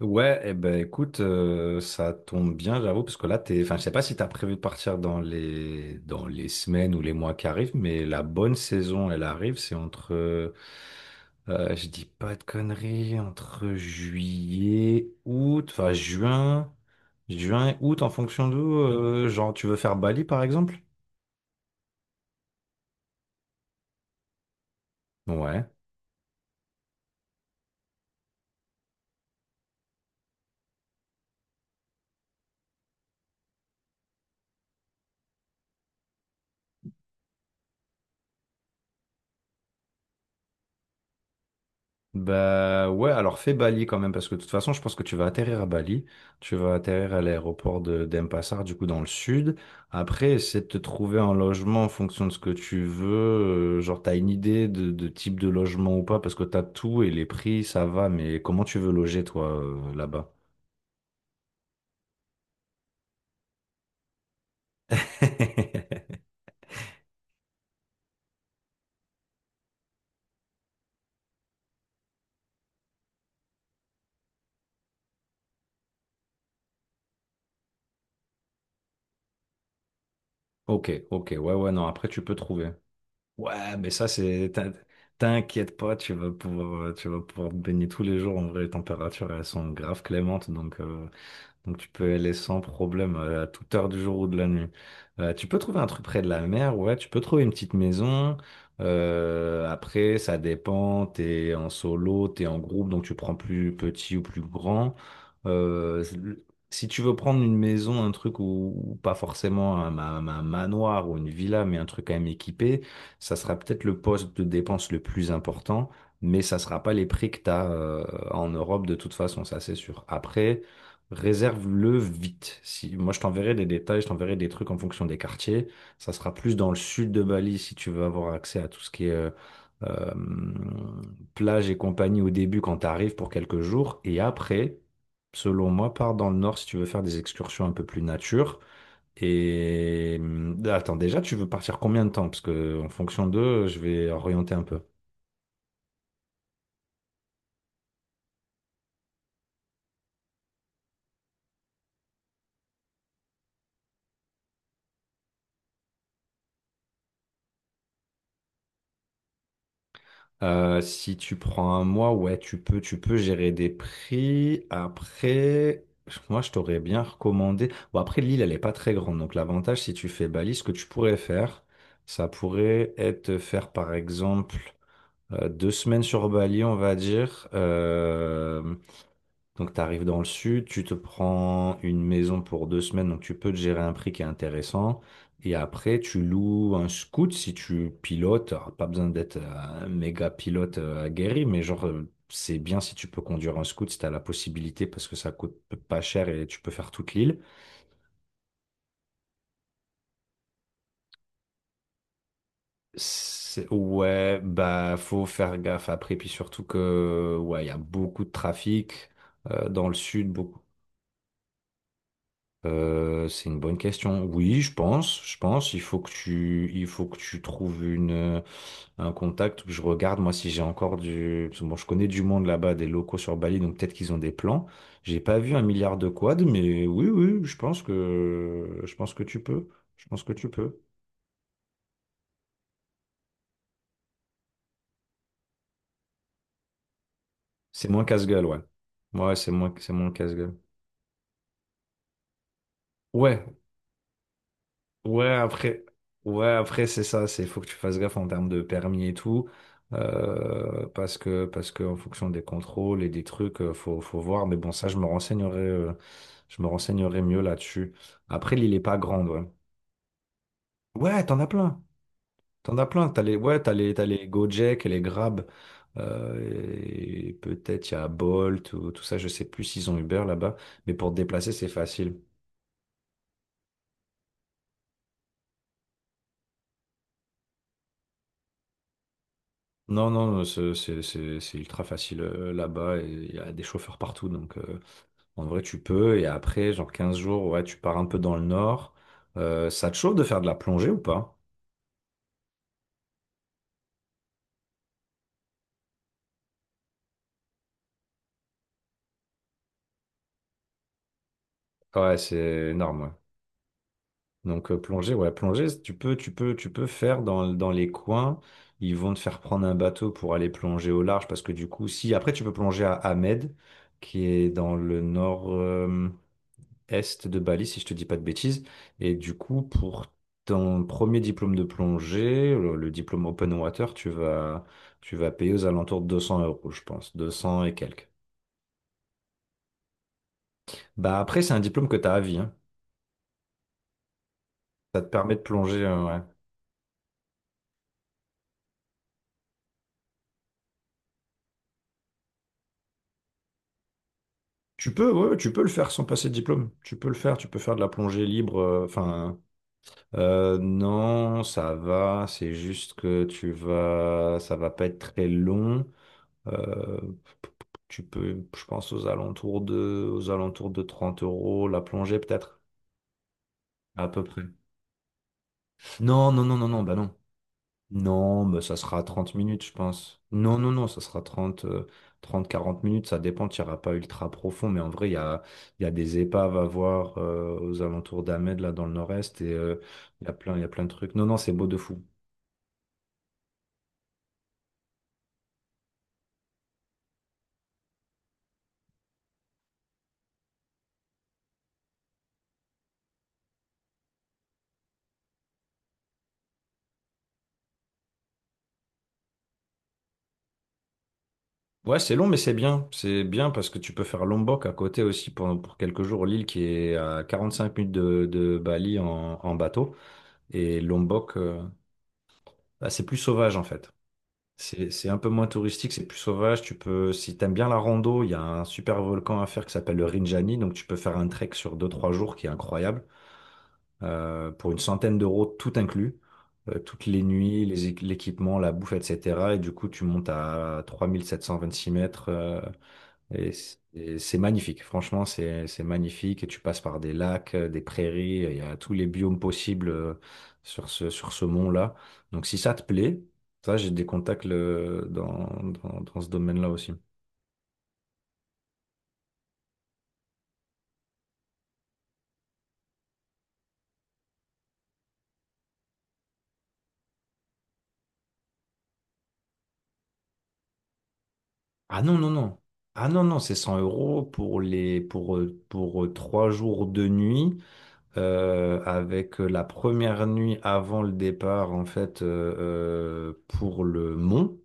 Ouais, eh ben écoute, ça tombe bien, j'avoue, parce que là, t'es, enfin, je sais pas si t'as prévu de partir dans les semaines ou les mois qui arrivent, mais la bonne saison, elle arrive, c'est je dis pas de conneries, entre juillet, août, enfin juin, août, en fonction d'où, genre tu veux faire Bali par exemple? Ouais. Bah ouais, alors fais Bali quand même, parce que de toute façon, je pense que tu vas atterrir à Bali, tu vas atterrir à l'aéroport de d'Denpasar, du coup dans le sud. Après, essaie de te trouver un logement en fonction de ce que tu veux. Genre, t'as une idée de type de logement ou pas, parce que t'as tout et les prix, ça va, mais comment tu veux loger toi là-bas? Ok, ok, ouais, ouais, non, après tu peux trouver. Ouais, mais ça, T'inquiète pas, tu vas pouvoir te baigner tous les jours. En vrai, les températures, elles sont grave clémentes, Donc tu peux aller sans problème à toute heure du jour ou de la nuit. Tu peux trouver un truc près de la mer, ouais, tu peux trouver une petite maison. Après, ça dépend, t'es en solo, t'es en groupe, donc tu prends plus petit ou plus grand. Euh, Si tu veux prendre une maison, un truc où pas forcément un manoir ou une villa, mais un truc quand même équipé, ça sera peut-être le poste de dépense le plus important, mais ça sera pas les prix que t'as en Europe de toute façon, ça c'est sûr. Après, réserve-le vite. Si, moi, je t'enverrai des détails, je t'enverrai des trucs en fonction des quartiers. Ça sera plus dans le sud de Bali si tu veux avoir accès à tout ce qui est euh, plage et compagnie au début quand tu arrives pour quelques jours. Et après, selon moi, pars dans le nord si tu veux faire des excursions un peu plus nature. Et attends, déjà, tu veux partir combien de temps? Parce que en fonction d'eux, je vais orienter un peu. Si tu prends un mois, ouais, tu peux gérer des prix. Après, moi, je t'aurais bien recommandé. Bon, après, l'île, elle n'est pas très grande. Donc, l'avantage, si tu fais Bali, ce que tu pourrais faire, ça pourrait être de faire, par exemple, deux semaines sur Bali, on va dire. Donc, tu arrives dans le sud, tu te prends une maison pour deux semaines, donc tu peux te gérer un prix qui est intéressant. Et après, tu loues un scoot si tu pilotes. Alors, pas besoin d'être un méga pilote aguerri, mais c'est bien si tu peux conduire un scoot si tu as la possibilité parce que ça coûte pas cher et tu peux faire toute l'île. Ouais, bah, faut faire gaffe après. Puis surtout que, ouais, il y a beaucoup de trafic dans le sud, beaucoup. C'est une bonne question. Oui, je pense. Il faut il faut que tu trouves un contact. Je regarde moi si j'ai encore du. Parce que bon, je connais du monde là-bas, des locaux sur Bali, donc peut-être qu'ils ont des plans. J'ai pas vu un milliard de quads, mais oui, oui, je pense que tu peux. Je pense que tu peux. C'est moins casse-gueule, ouais. Ouais, c'est moins casse-gueule. Ouais, ouais, après, ouais, après c'est ça, c'est faut que tu fasses gaffe en termes de permis et tout, parce que en fonction des contrôles et des trucs, faut faut voir. Mais bon, ça, je me renseignerai mieux là-dessus. Après, l'île est pas grande, ouais. Ouais, t'en as plein, t'en as plein. T'as les Gojek et les Grab, et peut-être il y a Bolt ou tout ça. Je sais plus s'ils ont Uber là-bas, mais pour te déplacer, c'est facile. Non, non, c'est ultra facile là-bas et il y a des chauffeurs partout. Donc en vrai, tu peux. Et après, genre 15 jours, ouais, tu pars un peu dans le nord. Ça te chauffe de faire de la plongée ou pas? Ouais, c'est énorme. Ouais. Donc plongée, tu peux faire dans les coins. Ils vont te faire prendre un bateau pour aller plonger au large parce que du coup, si après tu peux plonger à Ahmed, qui est dans le nord. Est de Bali, si je te dis pas de bêtises. Et du coup, pour ton premier diplôme de plongée, le diplôme Open Water, tu vas payer aux alentours de 200 euros, je pense, 200 et quelques. Bah après, c'est un diplôme que tu as à vie, hein. Ça te permet de plonger, ouais. Tu peux, ouais, ouais, tu peux le faire sans passer de diplôme. Tu peux faire de la plongée libre. Non, ça va. C'est juste que tu vas, ça va pas être très long. Euh, Tu peux, je pense, aux alentours de 30 euros la plongée, peut-être, à peu près. Non, non, non, non, non, bah non. Non, bah ça sera 30 minutes, je pense. Non, non, non, 30, 40 minutes, ça dépend, tu n'iras pas ultra profond, mais en vrai, il y a des épaves à voir aux alentours d'Ahmed, là, dans le nord-est, et il y a plein de trucs. Non, non, c'est beau de fou. Ouais, c'est long, mais c'est bien. C'est bien parce que tu peux faire Lombok à côté aussi pour quelques jours, l'île qui est à 45 minutes de Bali en bateau. Et Lombok, bah, c'est plus sauvage en fait. C'est un peu moins touristique, c'est plus sauvage. Tu peux, si t'aimes bien la rando, il y a un super volcan à faire qui s'appelle le Rinjani. Donc tu peux faire un trek sur deux trois jours qui est incroyable. Pour une centaine d'euros, tout inclus. Toutes les nuits, l'équipement, la bouffe, etc. Et du coup, tu montes à 3726 mètres. Et c'est magnifique, franchement, c'est magnifique. Et tu passes par des lacs, des prairies, il y a tous les biomes possibles sur ce mont-là. Donc si ça te plaît, ça, j'ai des contacts dans ce domaine-là aussi. Ah non, non, non. Ah non, non, c'est 100 euros pour trois jours de nuit, avec la première nuit avant le départ, en fait, pour le mont.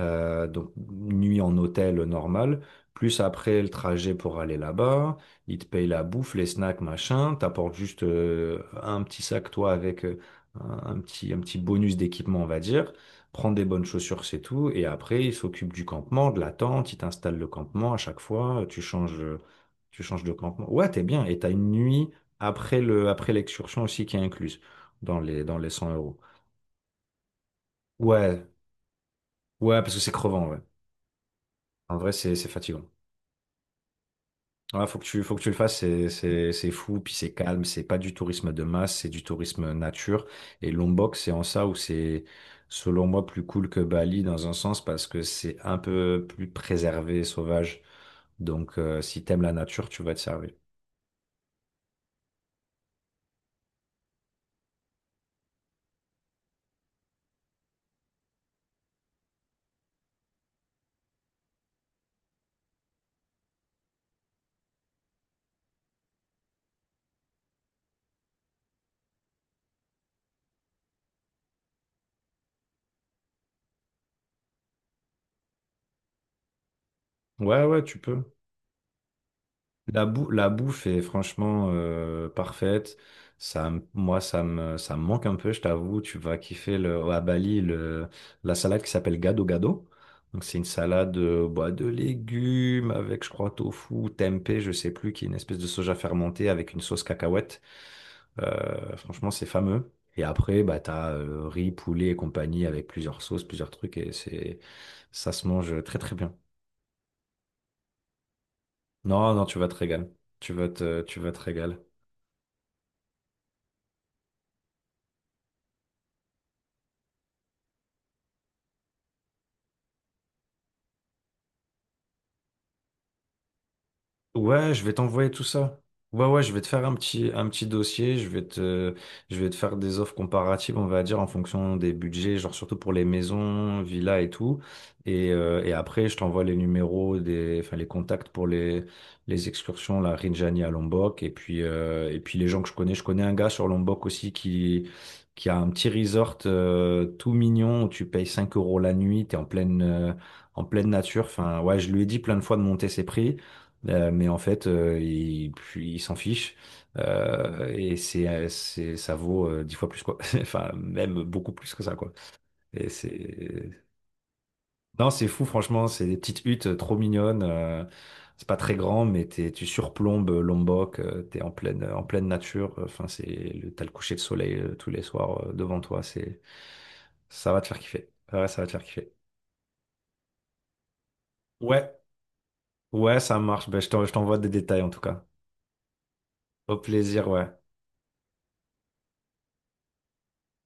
Donc, une nuit en hôtel normal, plus après le trajet pour aller là-bas, ils te payent la bouffe, les snacks, machin, t'apportes juste un petit sac, toi, avec un petit bonus d'équipement, on va dire, prends des bonnes chaussures, c'est tout, et après, ils s'occupent du campement, de la tente, ils t'installent le campement à chaque fois, tu changes de campement. Ouais, t'es bien, et t'as une nuit après après l'excursion aussi qui est incluse dans les 100 euros. Ouais, ouais, parce que c'est crevant, ouais. En vrai, c'est fatigant. Ouais, faut faut que tu le fasses, c'est fou, puis c'est calme, c'est pas du tourisme de masse, c'est du tourisme nature. Et Lombok, c'est en ça où c'est, selon moi, plus cool que Bali dans un sens parce que c'est un peu plus préservé, sauvage. Donc, si t'aimes la nature, tu vas te servir. Ouais, ouais, tu peux. La bouffe est franchement parfaite. Ça, me- moi, ça me manque un peu, je t'avoue. Tu vas kiffer le, à Bali le, la salade qui s'appelle gado gado. Donc, c'est une salade bah, de légumes avec, je crois, tofu, tempeh, je sais plus, qui est une espèce de soja fermenté avec une sauce cacahuète. Franchement, c'est fameux. Et après, bah, t'as riz, poulet et compagnie avec plusieurs sauces, plusieurs trucs. Et ça se mange très, très bien. Non, non, tu vas te régaler. Tu vas te régaler. Ouais, je vais t'envoyer tout ça. Ouais, ouais, je vais te faire un petit dossier, je vais te faire des offres comparatives, on va dire, en fonction des budgets, genre surtout pour les maisons, villas et tout. Et après, je t'envoie les numéros, des, enfin, les contacts les excursions, la Rinjani à Lombok. Et puis les gens que je connais un gars sur Lombok aussi qui a un petit resort tout mignon où tu payes 5 euros la nuit, en pleine nature. Enfin, ouais, je lui ai dit plein de fois de monter ses prix. Mais en fait, il, puis il s'en fiche ça vaut dix fois plus quoi. Enfin, même beaucoup plus que ça quoi. Et non, c'est fou franchement. C'est des petites huttes trop mignonnes. C'est pas très grand, mais t'es, tu surplombes Lombok. T'es en pleine nature. Enfin, t'as le coucher de soleil tous les soirs devant toi. Ça va te faire kiffer. Ouais, ça va te faire kiffer. Ouais, ouais, ça marche. Ben, je t'envoie des détails en tout cas. Au plaisir, ouais.